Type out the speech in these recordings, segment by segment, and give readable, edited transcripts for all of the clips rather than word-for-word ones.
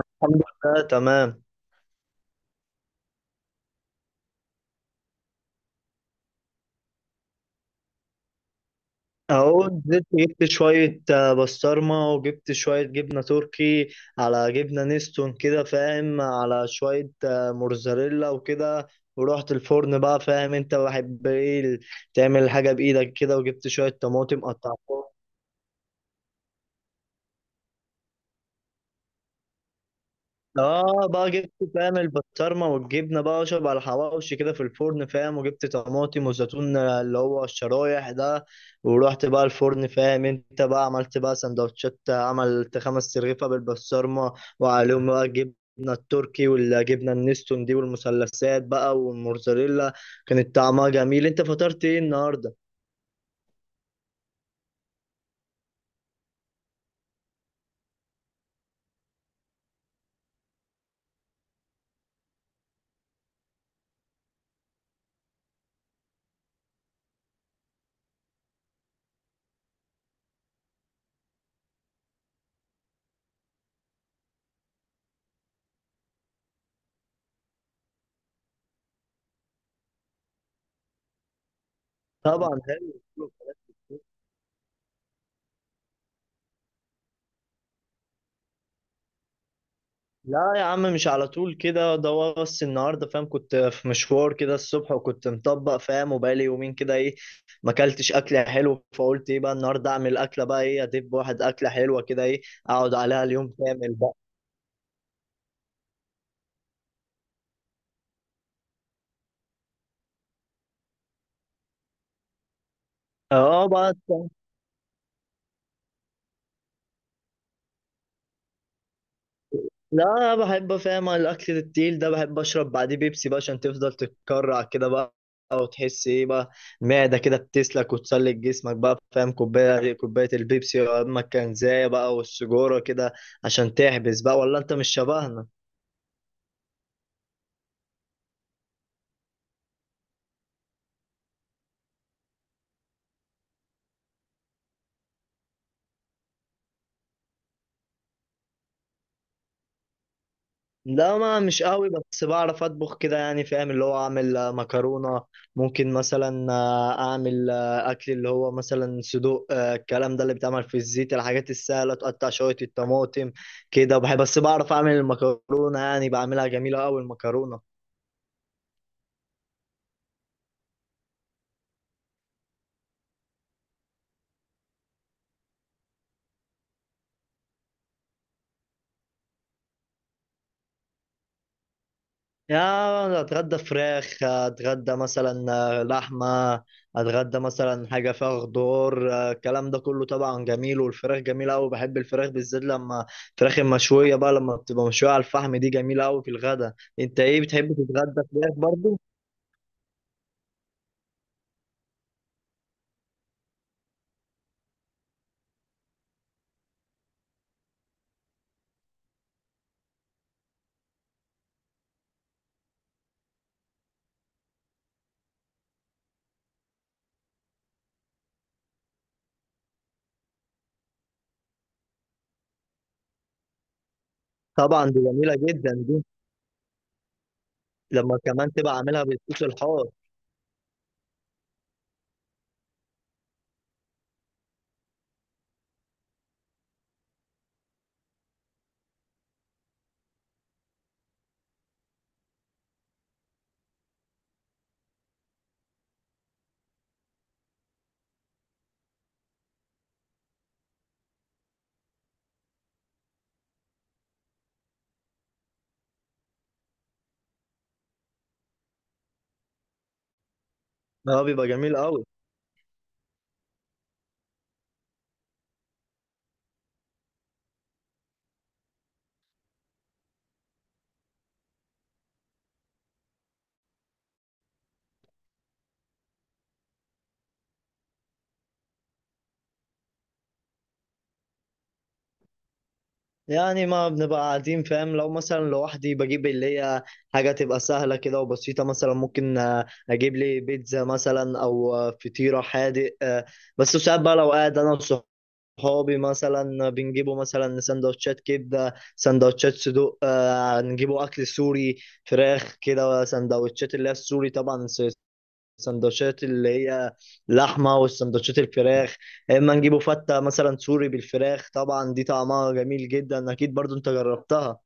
الحمد لله تمام. اهو نزلت جبت شوية بسطرمة، وجبت شوية جبنة تركي على جبنة نستون كده فاهم، على شوية موتزاريلا وكده. ورحت الفرن بقى فاهم انت بحب ايه تعمل حاجة بإيدك كده، وجبت شوية طماطم قطعتهم. اه بقى جبت فاهم البسطرمه والجبنه بقى اشرب على الحواوشي كده في الفرن فاهم، وجبت طماطم وزيتون، اللي هو الشرايح ده. ورحت بقى الفرن فاهم، انت بقى عملت بقى سندوتشات، عملت خمس رغيفه بالبسطرمه وعليهم بقى الجبنه التركي والجبنه النستون دي والمثلثات بقى والموزاريلا. كانت طعمها جميل. انت فطرت ايه النهارده؟ طبعا حلو. لا يا عم، مش على طول كده، ده بس النهارده فاهم كنت في مشوار كده الصبح، وكنت مطبق فاهم، وبقالي يومين كده ايه ما اكلتش اكله حلوه، فقلت ايه بقى النهارده اعمل اكله بقى ايه ادب واحد اكله حلوه كده ايه، اقعد عليها اليوم كامل بقى. اه بقى، لا أنا بحب فاهم الاكل التقيل ده بحب اشرب بعديه بيبسي بقى، عشان تفضل تتكرع كده بقى، او تحس ايه بقى المعده كده بتسلك وتسلك جسمك بقى فاهم. كوبايه كوبايه البيبسي، اما الكنزايه بقى والسجوره كده عشان تحبس بقى، ولا انت مش شبهنا؟ لا ما مش قوي، بس بعرف اطبخ كده يعني فاهم، اللي هو اعمل مكرونه. ممكن مثلا اعمل اكل اللي هو مثلا صدوق، الكلام ده اللي بيتعمل في الزيت، الحاجات السهله. تقطع شويه الطماطم كده بحب، بس بعرف اعمل المكرونه يعني، بعملها جميله قوي المكرونه. يا اتغدى فراخ، اتغدى مثلا لحمه، اتغدى مثلا حاجه فيها خضار، الكلام ده كله طبعا جميل. والفراخ جميله قوي، بحب الفراخ بالذات لما الفراخ المشويه بقى، لما بتبقى مشويه على الفحم دي جميله قوي في الغدا. انت ايه بتحب تتغدى فراخ برضو؟ طبعا دي جميله جدا دي لما كمان تبقى عاملها بالصوص الحار، ده بيبقى جميل قوي. يعني ما بنبقى قاعدين فاهم، لو مثلا لوحدي بجيب اللي هي حاجة تبقى سهلة كده وبسيطة، مثلا ممكن أجيب لي بيتزا مثلا، أو فطيرة حادق، بس ساعات بقى لو قاعد أنا وصحابي مثلا، بنجيبوا مثلا سندوتشات كبدة، سندوتشات صدوق، نجيبوا أكل سوري، فراخ كده، سندوتشات اللي هي السوري طبعا، السندوتشات اللي هي لحمه، والسندوتشات الفراخ. يا اما نجيبه فته مثلا سوري بالفراخ، طبعا دي طعمها جميل جدا، اكيد برضو انت جربتها.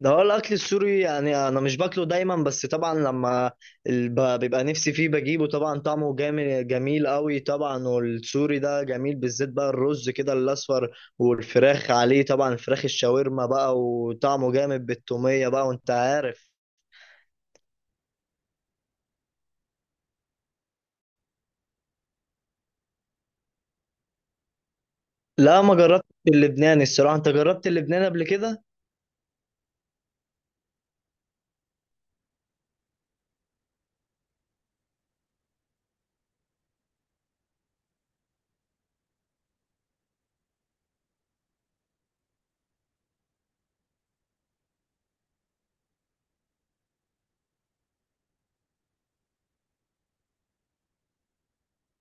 ده هو الاكل السوري يعني، انا مش باكله دايما، بس طبعا لما بيبقى نفسي فيه بجيبه، طبعا طعمه جامد جميل قوي طبعا. والسوري ده جميل بالذات بقى الرز كده الاصفر، والفراخ عليه، طبعا الفراخ الشاورما بقى، وطعمه جامد بالتومية بقى، وانت عارف. لا ما جربت اللبناني الصراحة، انت جربت اللبناني قبل كده؟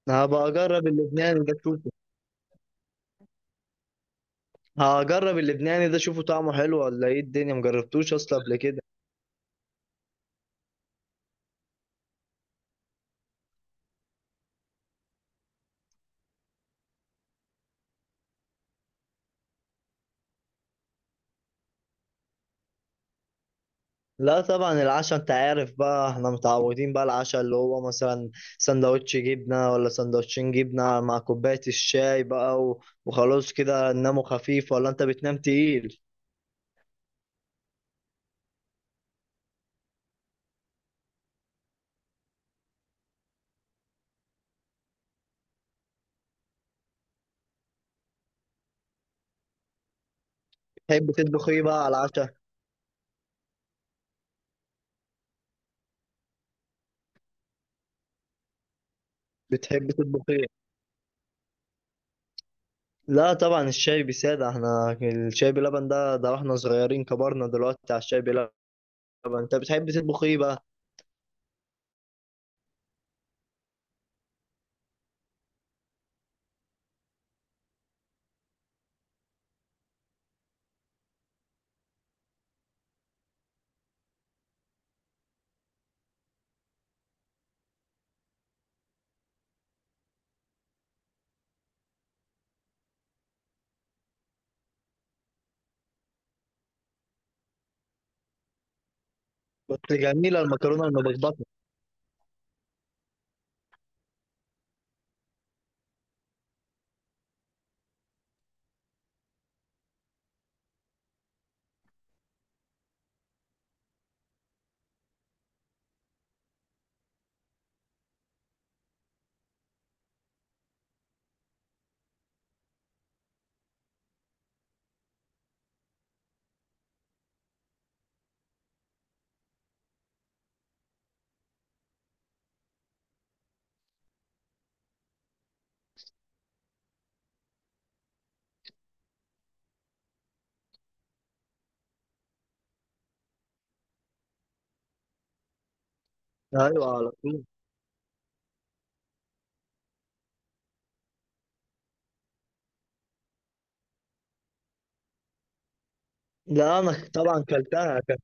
هبقى اجرب اللبناني ده اشوفه. هجرب اللبناني ده اشوفه طعمه حلو ولا ايه الدنيا، مجربتوش اصلا قبل كده. لا طبعا العشاء انت عارف بقى احنا متعودين بقى العشاء اللي هو مثلا سندوتش جبنة، ولا سندوتشين جبنة مع كوباية الشاي بقى، وخلاص كده نناموا خفيف، ولا انت بتنام تقيل؟ بتحب تطبخ ايه بقى على العشاء؟ بتحب تطبخ ايه؟ لا طبعا الشاي بسادة، احنا الشاي بلبن ده واحنا صغيرين، كبرنا دلوقتي على الشاي بلبن. انت بتحب تطبخ ايه بقى؟ بس جميلة المكرونة المبكبكة. أيوة على طول. لا أنا طبعا كلتها ك-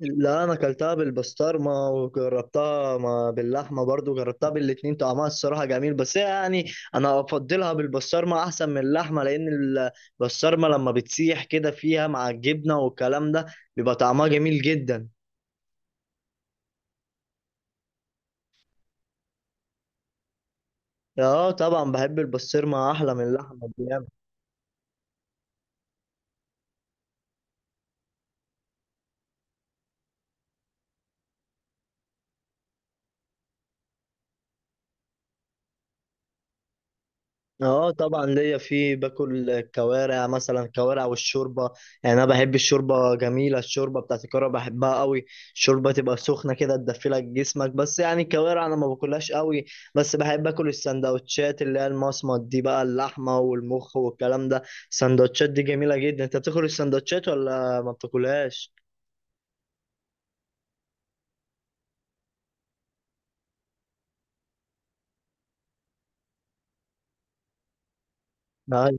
لا أنا كلتها بالبسطرمة وجربتها باللحمة برضو، جربتها بالاتنين. طعمها الصراحة جميل، بس هي يعني أنا أفضلها بالبسطرمة أحسن من اللحمة، لأن البسطرمة لما بتسيح كده فيها مع الجبنة والكلام ده بيبقى طعمها جميل جدا. اه طبعا بحب البسطرمة أحلى من اللحمة. اه طبعا ليا في، باكل كوارع مثلا، كوارع والشوربه، يعني انا بحب الشوربه جميله، الشوربه بتاعت الكوارع بحبها قوي، الشوربه تبقى سخنه كده تدفلك جسمك، بس يعني الكوارع انا ما باكلهاش قوي، بس بحب اكل السندوتشات اللي هي المصمت دي بقى، اللحمه والمخ والكلام ده، السندوتشات دي جميله جدا. انت بتاكل السندوتشات ولا ما بتاكلهاش؟ آه،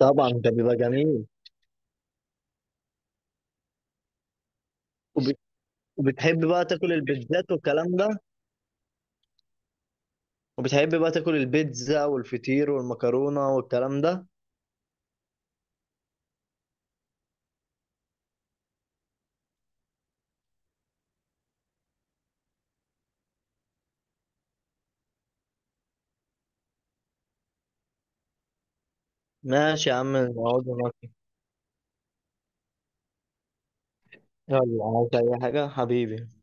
طبعا ده بيبقى جميل. وب- وبتحب بقى تاكل البيتزات والكلام ده؟ وبتحب بقى تاكل البيتزا والفطير والمكرونه والكلام ده؟ ماشي يا عم، نقعد ناكل. يلا عاوز أي حاجة حبيبي.